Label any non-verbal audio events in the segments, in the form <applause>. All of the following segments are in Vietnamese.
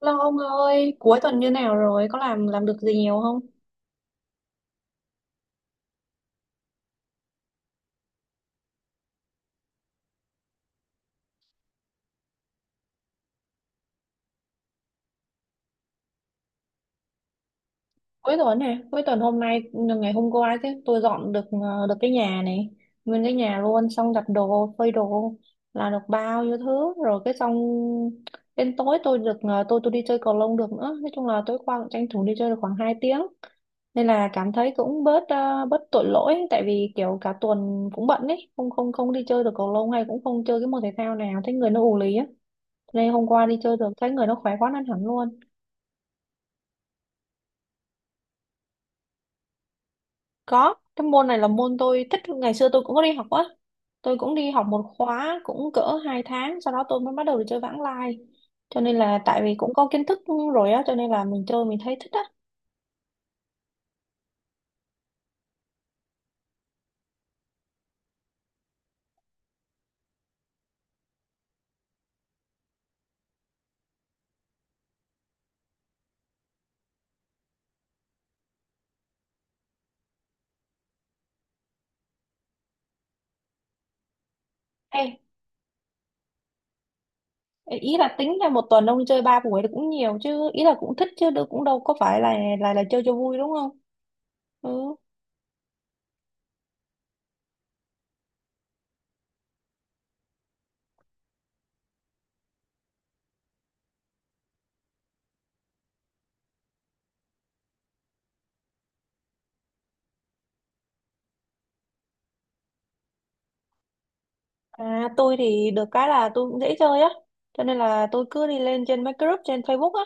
Lo ông ơi, cuối tuần như nào rồi? Có làm được gì nhiều không? Cuối tuần hôm nay ngày hôm qua chứ tôi dọn được được cái nhà này, nguyên cái nhà luôn, xong đặt đồ phơi đồ là được bao nhiêu thứ rồi, cái xong đến tối tôi được tôi đi chơi cầu lông được nữa. Nói chung là tối qua cũng tranh thủ đi chơi được khoảng 2 tiếng, nên là cảm thấy cũng bớt bớt tội lỗi, tại vì kiểu cả tuần cũng bận ấy, không không không đi chơi được cầu lông hay cũng không chơi cái môn thể thao nào, thấy người nó ù lì á. Đây hôm qua đi chơi được thấy người nó khỏe quá nên hẳn luôn. Có, cái môn này là môn tôi thích, ngày xưa tôi cũng có đi học á. Tôi cũng đi học một khóa cũng cỡ 2 tháng, sau đó tôi mới bắt đầu đi chơi vãng lai. Cho nên là tại vì cũng có kiến thức rồi á, cho nên là mình chơi mình thấy thích á. Ê, ý là tính là một tuần ông đi chơi 3 buổi thì cũng nhiều chứ, ý là cũng thích chứ đâu, cũng đâu có phải là là chơi cho vui đúng không? Ừ. À, tôi thì được cái là tôi cũng dễ chơi á, cho nên là tôi cứ đi lên trên mấy cái group trên Facebook á,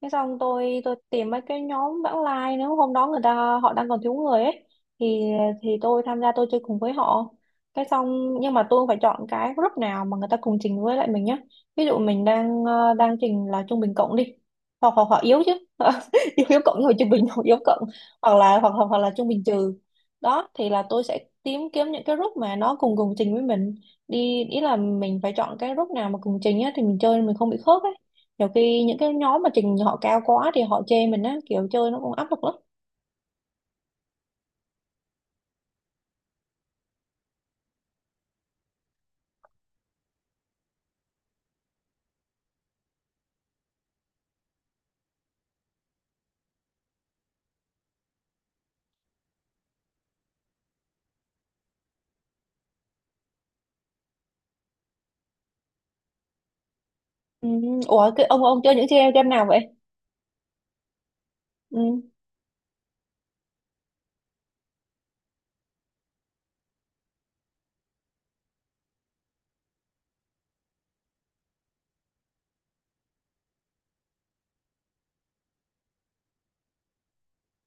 thế xong tôi tìm mấy cái nhóm vãng lai, nếu hôm đó người ta họ đang còn thiếu người ấy, thì tôi tham gia tôi chơi cùng với họ. Cái xong nhưng mà tôi phải chọn cái group nào mà người ta cùng trình với lại mình nhá. Ví dụ mình đang đang trình là trung bình cộng đi, hoặc hoặc họ yếu chứ, <laughs> yếu, yếu cộng rồi trung bình hoặc yếu cộng, hoặc là hoặc hoặc hoặc là trung bình trừ. Đó thì là tôi sẽ tìm kiếm những cái group mà nó cùng cùng trình với mình đi, ý là mình phải chọn cái group nào mà cùng trình á thì mình chơi mình không bị khớp ấy. Nhiều khi những cái nhóm mà trình họ cao quá thì họ chê mình á, kiểu chơi nó cũng áp lực lắm. Ừ. Ủa cái ông chơi những game game nào vậy? Ừ.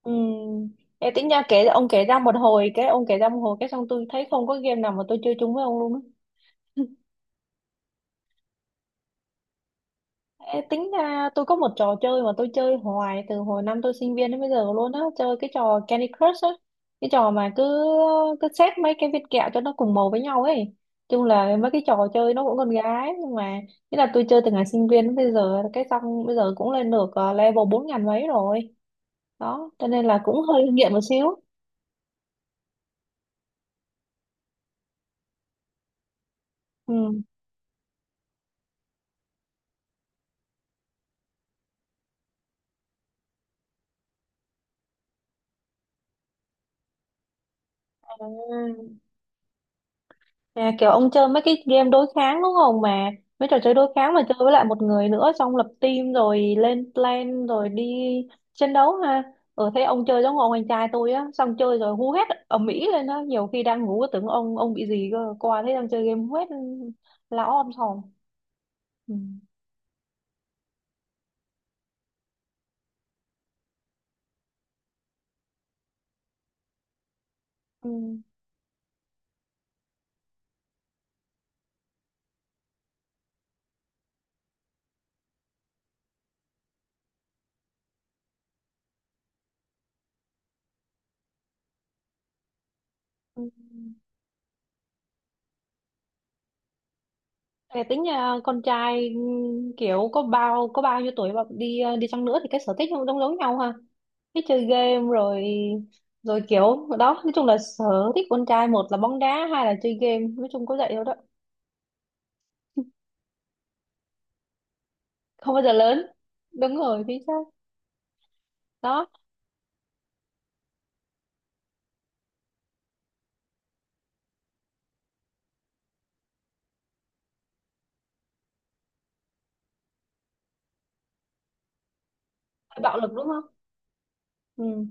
Ừ. Ê, tính ra kể ông kể ra một hồi cái ông kể ra một hồi cái xong tôi thấy không có game nào mà tôi chơi chung với ông luôn á. <laughs> Ê, tính ra tôi có một trò chơi mà tôi chơi hoài từ hồi năm tôi sinh viên đến bây giờ luôn á, chơi cái trò Candy Crush á, cái trò mà cứ cứ xếp mấy cái viên kẹo cho nó cùng màu với nhau ấy. Chung là mấy cái trò chơi nó cũng con gái, nhưng mà nghĩa là tôi chơi từ ngày sinh viên đến bây giờ, cái xong bây giờ cũng lên được level bốn ngàn mấy rồi. Đó cho nên là cũng hơi nghiện một xíu. Ừ. À, à, kiểu ông chơi mấy cái game đối kháng đúng không, mà mấy trò chơi đối kháng mà chơi với lại một người nữa, xong lập team rồi lên plan rồi đi chiến đấu ha. Ừ, thấy ông chơi giống ông anh trai tôi á, xong chơi rồi hú hét ầm ĩ lên á, nhiều khi đang ngủ tưởng ông bị gì cơ, qua thấy đang chơi game hú hét, lão om sòm. Ừ. Ừ. Ừ. Thế tính nhà con trai kiểu có bao nhiêu tuổi mà đi đi chăng nữa thì cái sở thích không giống giống nhau ha, cái chơi game rồi rồi kiểu đó. Nói chung là sở thích con trai một là bóng đá hai là chơi game, nói chung có vậy đâu đó. Không bao giờ lớn, đúng rồi chính xác. Đó, bạo lực đúng không. Ừ.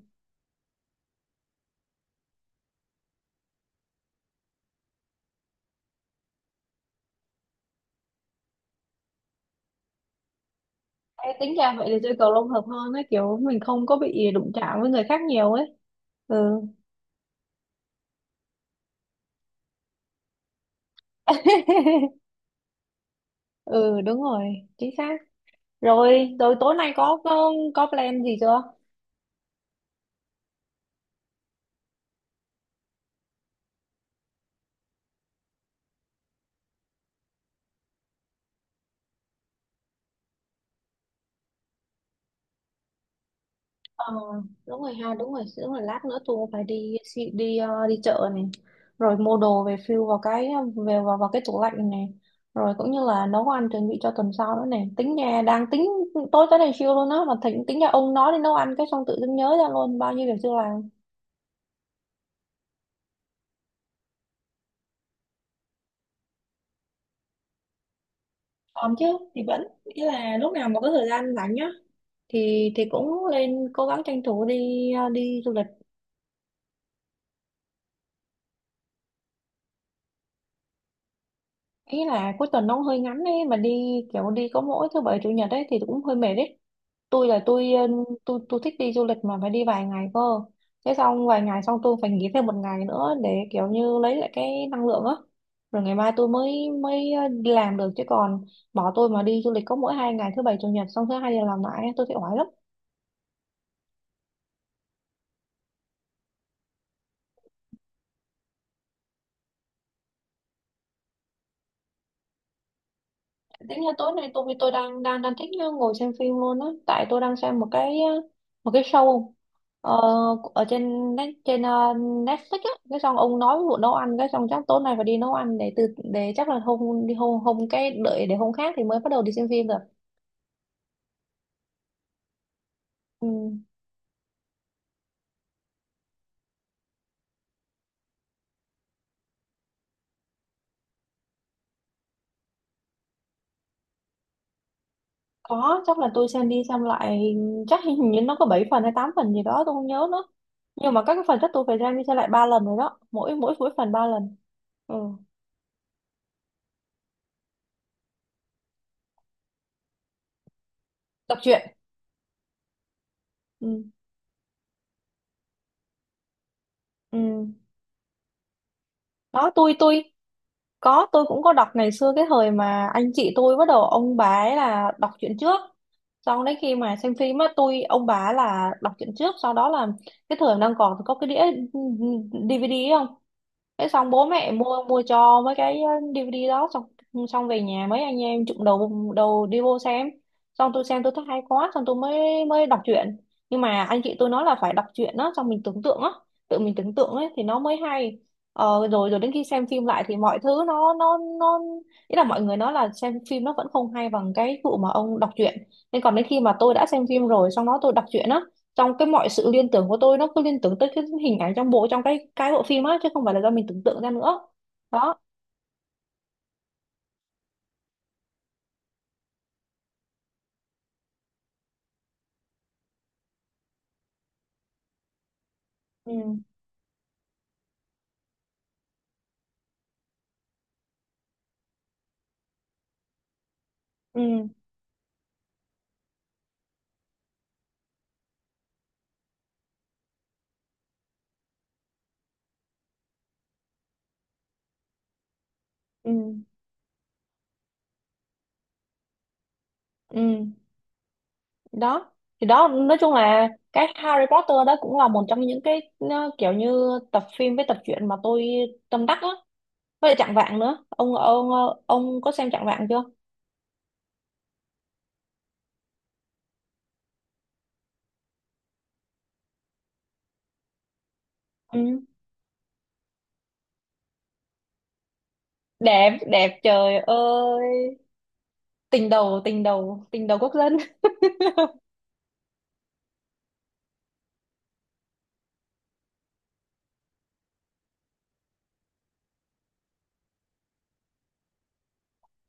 Ê, tính ra vậy thì chơi cầu lông hợp hơn ấy, kiểu mình không có bị đụng chạm với người khác nhiều ấy. Ừ. <laughs> Ừ, đúng rồi chính xác. Rồi rồi tối nay có plan gì chưa? Ờ, đúng rồi ha, đúng rồi đúng rồi, lát nữa tôi cũng phải đi đi đi, đi chợ này, rồi mua đồ về fill vào cái vào cái tủ lạnh này, rồi cũng như là nấu ăn chuẩn bị cho tuần sau nữa này. Tính nhà đang tính tối tới này siêu luôn á, mà tính tính nhà ông nói đi nấu ăn cái xong tự dưng nhớ ra luôn bao nhiêu việc chưa làm. Còn chứ, thì vẫn nghĩa là lúc nào mà có thời gian rảnh nhá thì cũng lên cố gắng tranh thủ đi đi du lịch. Ý là cuối tuần nó cũng hơi ngắn ấy, mà đi kiểu đi có mỗi thứ bảy chủ nhật ấy thì cũng hơi mệt ấy. Tôi là tôi tôi thích đi du lịch mà phải đi vài ngày cơ, thế xong vài ngày xong tôi phải nghỉ thêm một ngày nữa để kiểu như lấy lại cái năng lượng á, rồi ngày mai tôi mới mới đi làm được, chứ còn bỏ tôi mà đi du lịch có mỗi hai ngày thứ bảy chủ nhật, xong thứ hai giờ làm lại tôi thấy oải lắm. Tính là tối nay tôi đang đang đang thích ngồi xem phim luôn á, tại tôi đang xem một cái show ờ, trên Netflix á, cái xong ông nói vụ nấu ăn cái xong chắc tối nay phải đi nấu ăn. Để từ để Chắc là hôm đi hôm hôm cái đợi để hôm khác thì mới bắt đầu đi xem phim được. Ừ. Có, chắc là tôi xem đi xem lại. Chắc hình như nó có 7 phần hay 8 phần gì đó tôi không nhớ nữa, nhưng mà các cái phần chắc tôi phải xem đi xem lại ba lần rồi đó, mỗi mỗi mỗi phần ba lần. Ừ. Tập truyện. Ừ. Ừ. Đó tôi có, tôi cũng có đọc ngày xưa, cái thời mà anh chị tôi bắt đầu ông bà ấy là đọc truyện trước. Sau đấy khi mà xem phim á, tôi ông bà là đọc truyện trước, sau đó là cái thời đang còn có cái đĩa DVD ấy không? Thế xong bố mẹ mua mua cho mấy cái DVD đó, xong xong về nhà mấy anh em chụm đầu đầu đi vô xem, xong tôi xem tôi thấy hay quá, xong tôi mới mới đọc truyện. Nhưng mà anh chị tôi nói là phải đọc truyện đó xong mình tưởng tượng á, tự mình tưởng tượng ấy thì nó mới hay. Ờ, rồi rồi đến khi xem phim lại thì mọi thứ nó, ý là mọi người nói là xem phim nó vẫn không hay bằng cái vụ mà ông đọc truyện, nên còn đến khi mà tôi đã xem phim rồi xong đó tôi đọc truyện á, trong cái mọi sự liên tưởng của tôi nó cứ liên tưởng tới cái hình ảnh trong bộ trong cái bộ phim á, chứ không phải là do mình tưởng tượng ra nữa. Đó. Ừ. Ừ. Ừ. Ừ. Đó thì đó, nói chung là cái Harry Potter đó cũng là một trong những cái nó kiểu như tập phim với tập truyện mà tôi tâm đắc á, với lại Chạng Vạng nữa. Ông ông có xem Chạng Vạng chưa? Ừ. Đẹp, đẹp trời ơi. Tình đầu, tình đầu quốc dân.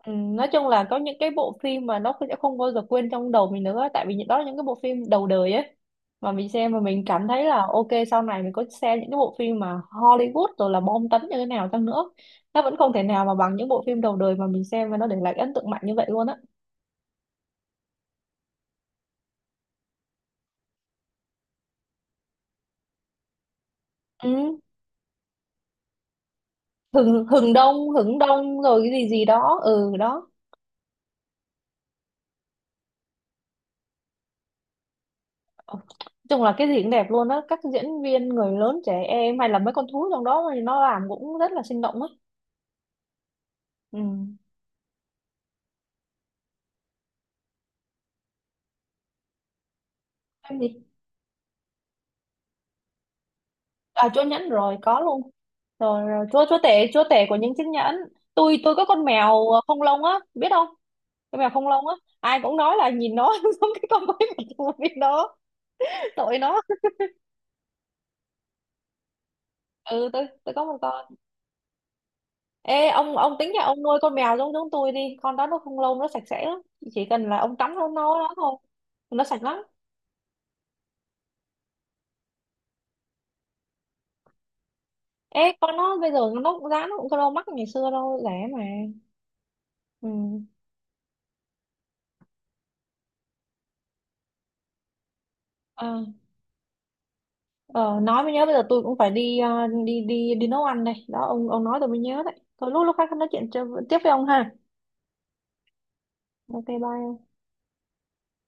Ừ, nói chung là có những cái bộ phim mà nó sẽ không bao giờ quên trong đầu mình nữa, tại vì những- đó là những cái bộ phim đầu đời ấy mà mình xem, mà mình cảm thấy là ok sau này mình có xem những cái bộ phim mà Hollywood rồi là bom tấn như thế nào chăng nữa, nó vẫn không thể nào mà bằng những bộ phim đầu đời mà mình xem và nó để lại ấn tượng mạnh như vậy luôn á. Ừ. Hừng Hừng Đông Hừng Đông rồi cái gì gì đó ừ đó. Ờ, nói chung là cái gì cũng đẹp luôn á, các diễn viên người lớn trẻ em hay là mấy con thú trong đó thì nó làm cũng rất là sinh động á. Ừ. Em gì? À, chúa nhẫn rồi, có luôn. Rồi, rồi chúa chúa tể, chúa tể của những chiếc nhẫn. Tôi có con mèo không lông á biết không? Con mèo không lông á, ai cũng nói là nhìn nó <laughs> giống cái con quái vật của biết nó. Tội nó. Ừ, tôi có một con. Ê ông, tính nhà ông nuôi con mèo giống giống tôi đi, con đó nó không lông, nó sạch sẽ lắm, chỉ cần là ông tắm nó thôi, nó sạch lắm. Ê con nó bây giờ nó cũng giá nó cũng không đâu mắc, ngày xưa đâu rẻ mà. Ừ. À, ờ, nói mới nhớ bây giờ tôi cũng phải đi đi nấu ăn đây. Đó ông nói tôi mới nhớ đấy. Thôi lúc lúc khác nói chuyện cho- tiếp với ông ha. Ok bye.